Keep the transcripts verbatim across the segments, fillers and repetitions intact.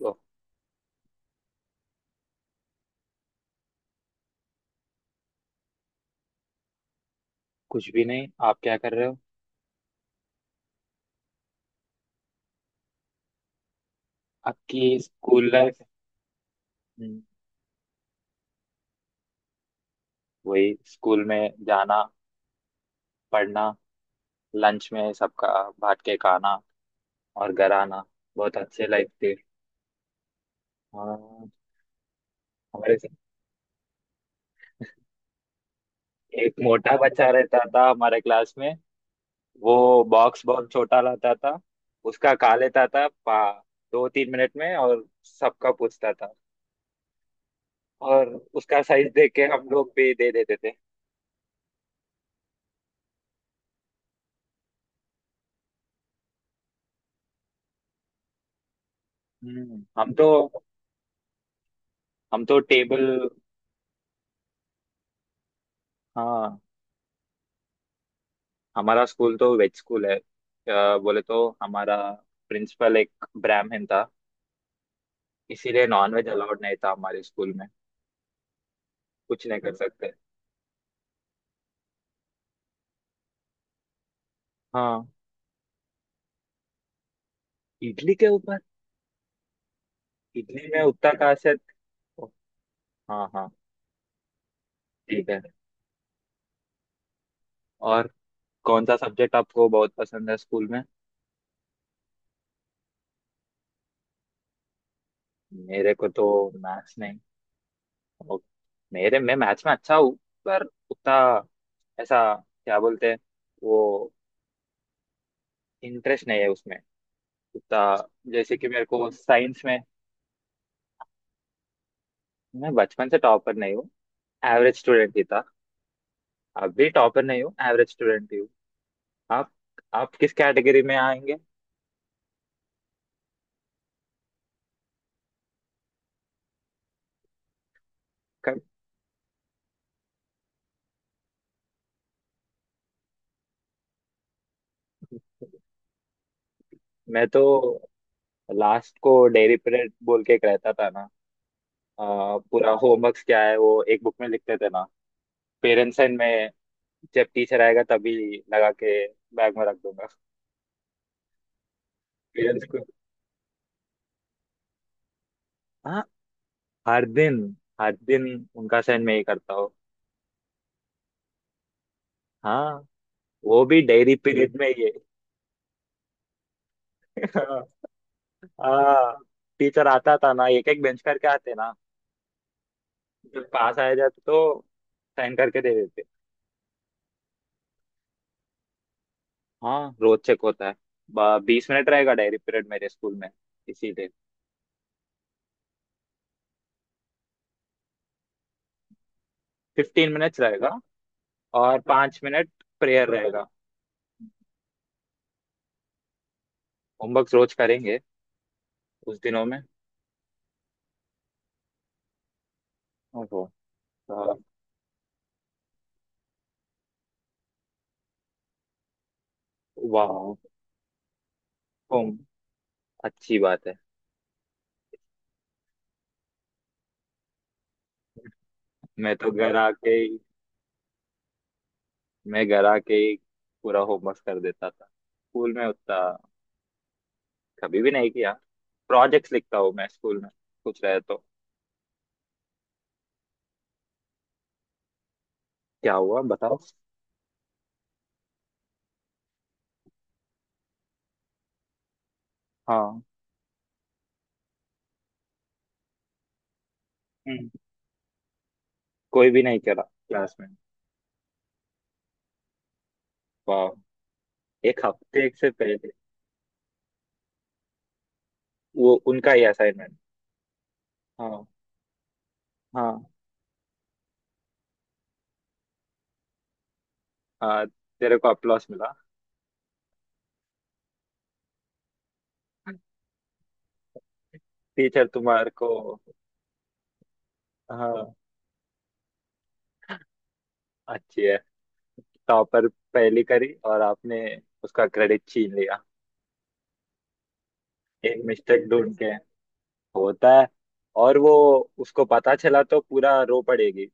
तो कुछ भी नहीं। आप क्या कर रहे हो? आपकी स्कूल लाइफ। हम्म। वही स्कूल में जाना, पढ़ना, लंच में सबका बांट के खाना, और घर आना। बहुत अच्छे लाइफ थे। हाँ, हमारे से एक मोटा बच्चा रहता था हमारे क्लास में। वो बॉक्स बहुत छोटा लाता था। उसका खा लेता था पा दो तीन मिनट में और सबका पूछता था। और उसका साइज देख के हम लोग भी दे देते थे। हम्म। हम तो हम तो टेबल। हाँ, हमारा स्कूल तो वेज स्कूल है। अ, बोले तो हमारा प्रिंसिपल एक ब्राह्मण था, इसीलिए नॉन वेज अलाउड नहीं था हमारे स्कूल में। कुछ नहीं कर सकते। हाँ। इडली के ऊपर। इडली में उत्तर खासियत। हाँ, हाँ। ठीक है। और कौन सा सब्जेक्ट आपको बहुत पसंद है स्कूल में? मेरे को तो मैथ्स नहीं। ओ, मेरे मैं मैथ्स में अच्छा हूँ, पर उतना ऐसा क्या बोलते हैं वो, इंटरेस्ट नहीं है उसमें उतना। जैसे कि मेरे को साइंस में। मैं बचपन से टॉपर नहीं हूँ, एवरेज स्टूडेंट ही था। अब भी टॉपर नहीं हूँ, एवरेज स्टूडेंट ही हूँ। आप आप किस कैटेगरी में आएंगे? क- मैं तो लास्ट को डेयरी पीरियड बोल के एक रहता था ना। आ, पूरा होमवर्क क्या है वो एक बुक में लिखते थे ना। पेरेंट्स एंड में, जब टीचर आएगा तभी लगा के बैग में रख दूंगा। पेरेंट्स को, हाँ, हर दिन, हर दिन उनका साइन मैं ही करता हूँ। हाँ, वो भी डेयरी पीरियड में ही है। हाँ। टीचर आता था ना, एक एक बेंच करके आते ना। जब पास आया जाते तो साइन करके दे देते। हाँ, रोज चेक होता है। बीस मिनट रहेगा डायरी पीरियड मेरे स्कूल में, इसीलिए फिफ्टीन मिनट्स रहेगा और पांच मिनट प्रेयर रहेगा। होमवर्क रोज करेंगे उस दिनों में। ओहो। तो। वाह, होम, अच्छी बात है। मैं तो घर आके ही मैं घर आके ही पूरा होमवर्क कर देता था। स्कूल में उतना कभी भी नहीं किया। प्रोजेक्ट्स लिखता हूँ मैं स्कूल में, कुछ रहे तो। क्या हुआ बताओ? हाँ। हम्म। कोई भी नहीं करा क्लास में। वाह, एक हफ्ते से पहले? वो उनका ही असाइनमेंट। हाँ। हाँ। हाँ, तेरे को अप्लॉस मिला। टीचर तुम्हारे को, हाँ। अच्छी है। टॉपर पहली करी और आपने उसका क्रेडिट छीन लिया, एक मिस्टेक ढूंढ के। होता है। और वो, उसको पता चला तो पूरा रो पड़ेगी।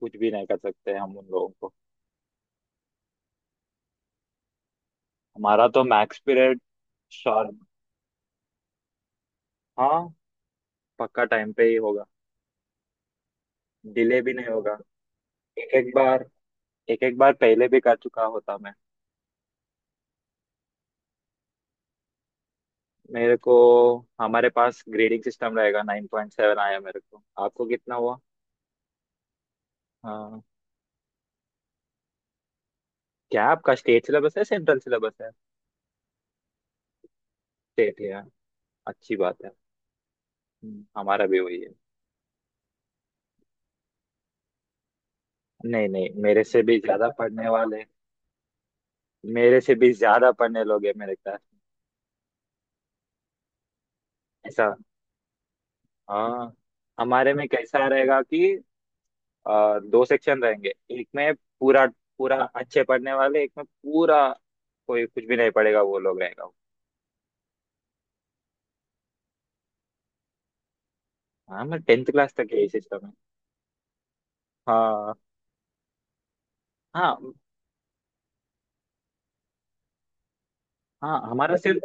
कुछ भी नहीं कर सकते हम उन लोगों को। हमारा तो मैक्स पीरियड शार्प। हाँ, पक्का टाइम पे ही होगा। डिले भी नहीं होगा। एक एक बार, एक एक बार पहले भी कर चुका होता मैं। मेरे को, हमारे पास ग्रेडिंग सिस्टम रहेगा, नाइन पॉइंट सेवन आया मेरे को। आपको कितना हुआ? हाँ। क्या आपका स्टेट सिलेबस है, सेंट्रल सिलेबस है? स्टेट है। अच्छी बात है। हम्म, हमारा भी वही है। नहीं नहीं, मेरे से भी ज्यादा पढ़ने वाले, मेरे से भी ज्यादा पढ़ने लोग हैं मेरे क्लास में। ऐसा। हाँ। हमारे में कैसा रहेगा कि अ, दो सेक्शन रहेंगे, एक में पूरा, पूरा अच्छे पढ़ने वाले, एक में पूरा कोई कुछ भी नहीं पढ़ेगा वो लोग रहेगा। हाँ, मैं टेंथ क्लास तक यही सिस्टम है। हाँ। हाँ। हाँ। हमारा सिर्फ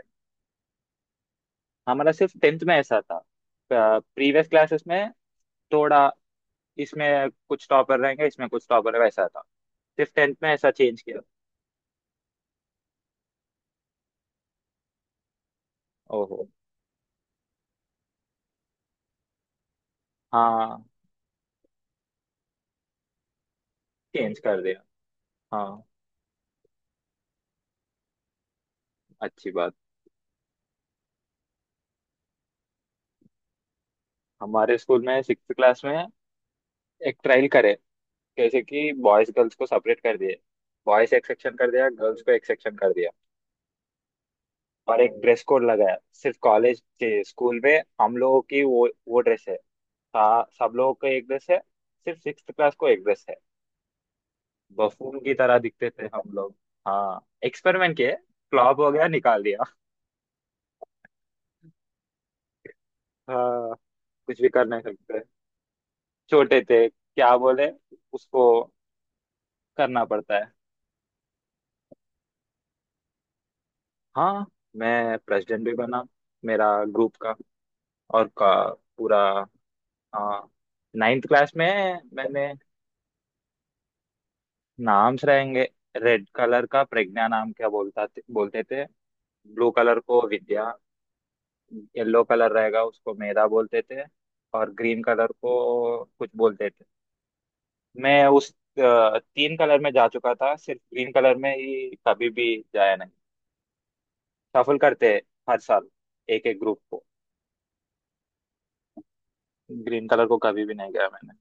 हमारा सिर्फ टेंथ में ऐसा था। प्रीवियस क्लासेस में थोड़ा, इसमें कुछ टॉपर रहेंगे, इसमें कुछ टॉपर रहेगा, ऐसा था। सिर्फ टेंथ में ऐसा चेंज किया। ओहो। हाँ, चेंज कर दिया। हाँ, अच्छी बात। हमारे स्कूल में सिक्स क्लास में एक ट्रायल करे, जैसे कि बॉयज गर्ल्स को सेपरेट कर दिए। बॉयज एक सेक्शन कर दिया, गर्ल्स को एक सेक्शन कर दिया। और एक ड्रेस कोड लगाया, सिर्फ कॉलेज के स्कूल में हम लोगों की वो वो ड्रेस है। सा- सब लोगों को एक ड्रेस है, सिर्फ सिक्स क्लास को एक ड्रेस है। बफून की तरह दिखते थे हम लोग। हाँ, एक्सपेरिमेंट किए। फ्लॉप हो गया, निकाल दिया। हाँ, कुछ भी कर नहीं सकते। छोटे थे, क्या बोले उसको, करना पड़ता है। हाँ, मैं प्रेसिडेंट भी बना। मेरा ग्रुप का और का पूरा। हाँ, नाइन्थ क्लास में। मैंने, नाम्स रहेंगे। रेड कलर का प्रज्ञा नाम क्या बोलता थे, बोलते थे। ब्लू कलर को विद्या। येलो कलर रहेगा, उसको मेधा बोलते थे। और ग्रीन कलर को कुछ बोलते थे। मैं उस अ, तीन कलर में जा चुका था, सिर्फ ग्रीन कलर में ही कभी भी जाया नहीं। सफल करते हैं हर साल एक एक ग्रुप को। ग्रीन कलर को कभी भी नहीं गया मैंने।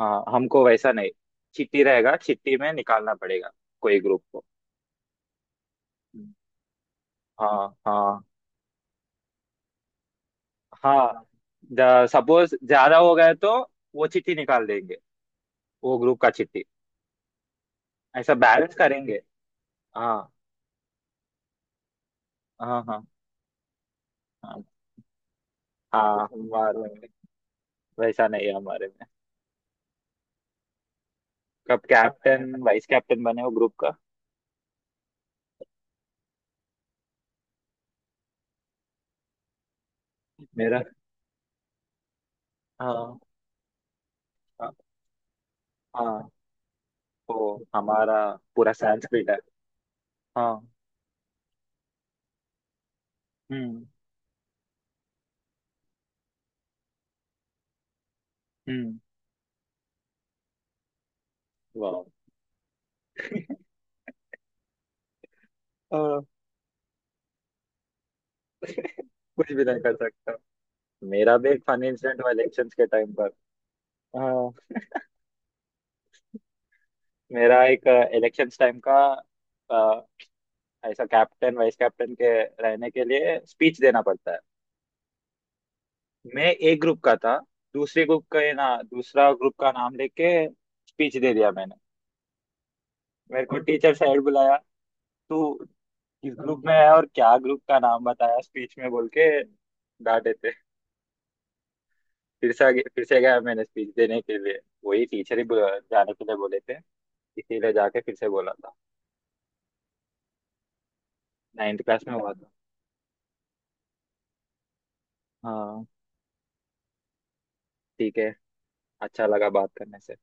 हाँ, हमको वैसा नहीं, चिट्ठी रहेगा, चिट्ठी में निकालना पड़ेगा कोई ग्रुप को। हाँ, हाँ। हाँ, सपोज ज्यादा हो गए तो वो चिट्ठी निकाल देंगे, वो ग्रुप का चिट्ठी, ऐसा बैलेंस करेंगे। हाँ। हाँ। हाँ। हाँ। हाँ, हमारे में वैसा नहीं है हमारे में। कब कैप्टन वाइस कैप्टन बने वो ग्रुप का? मेरा, हाँ। हाँ। हाँ, वो हमारा पूरा संस्कृत है। हाँ। हम्म। हम्म। वाह। हाँ। कुछ भी नहीं कर सकता। मेरा भी एक फनी इंसिडेंट हुआ इलेक्शंस के टाइम पर। हाँ। मेरा एक इलेक्शन टाइम का, अ, ऐसा कैप्टन वाइस कैप्टन के रहने के लिए स्पीच देना पड़ता है। मैं एक ग्रुप का था, दूसरे ग्रुप का, ये ना, दूसरा ग्रुप का नाम लेके स्पीच दे दिया मैंने। मेरे को टीचर साइड बुलाया, तू किस ग्रुप में है और क्या ग्रुप का नाम बताया स्पीच में, बोल के डांटे थे। फिर से आगे- फिर से गया मैंने स्पीच देने के लिए। वही टीचर ही बुला- जाने के लिए बोले थे, इसीलिए जाके फिर से बोला था। नाइन्थ क्लास में हुआ था। हाँ, ठीक है। अच्छा लगा बात करने से।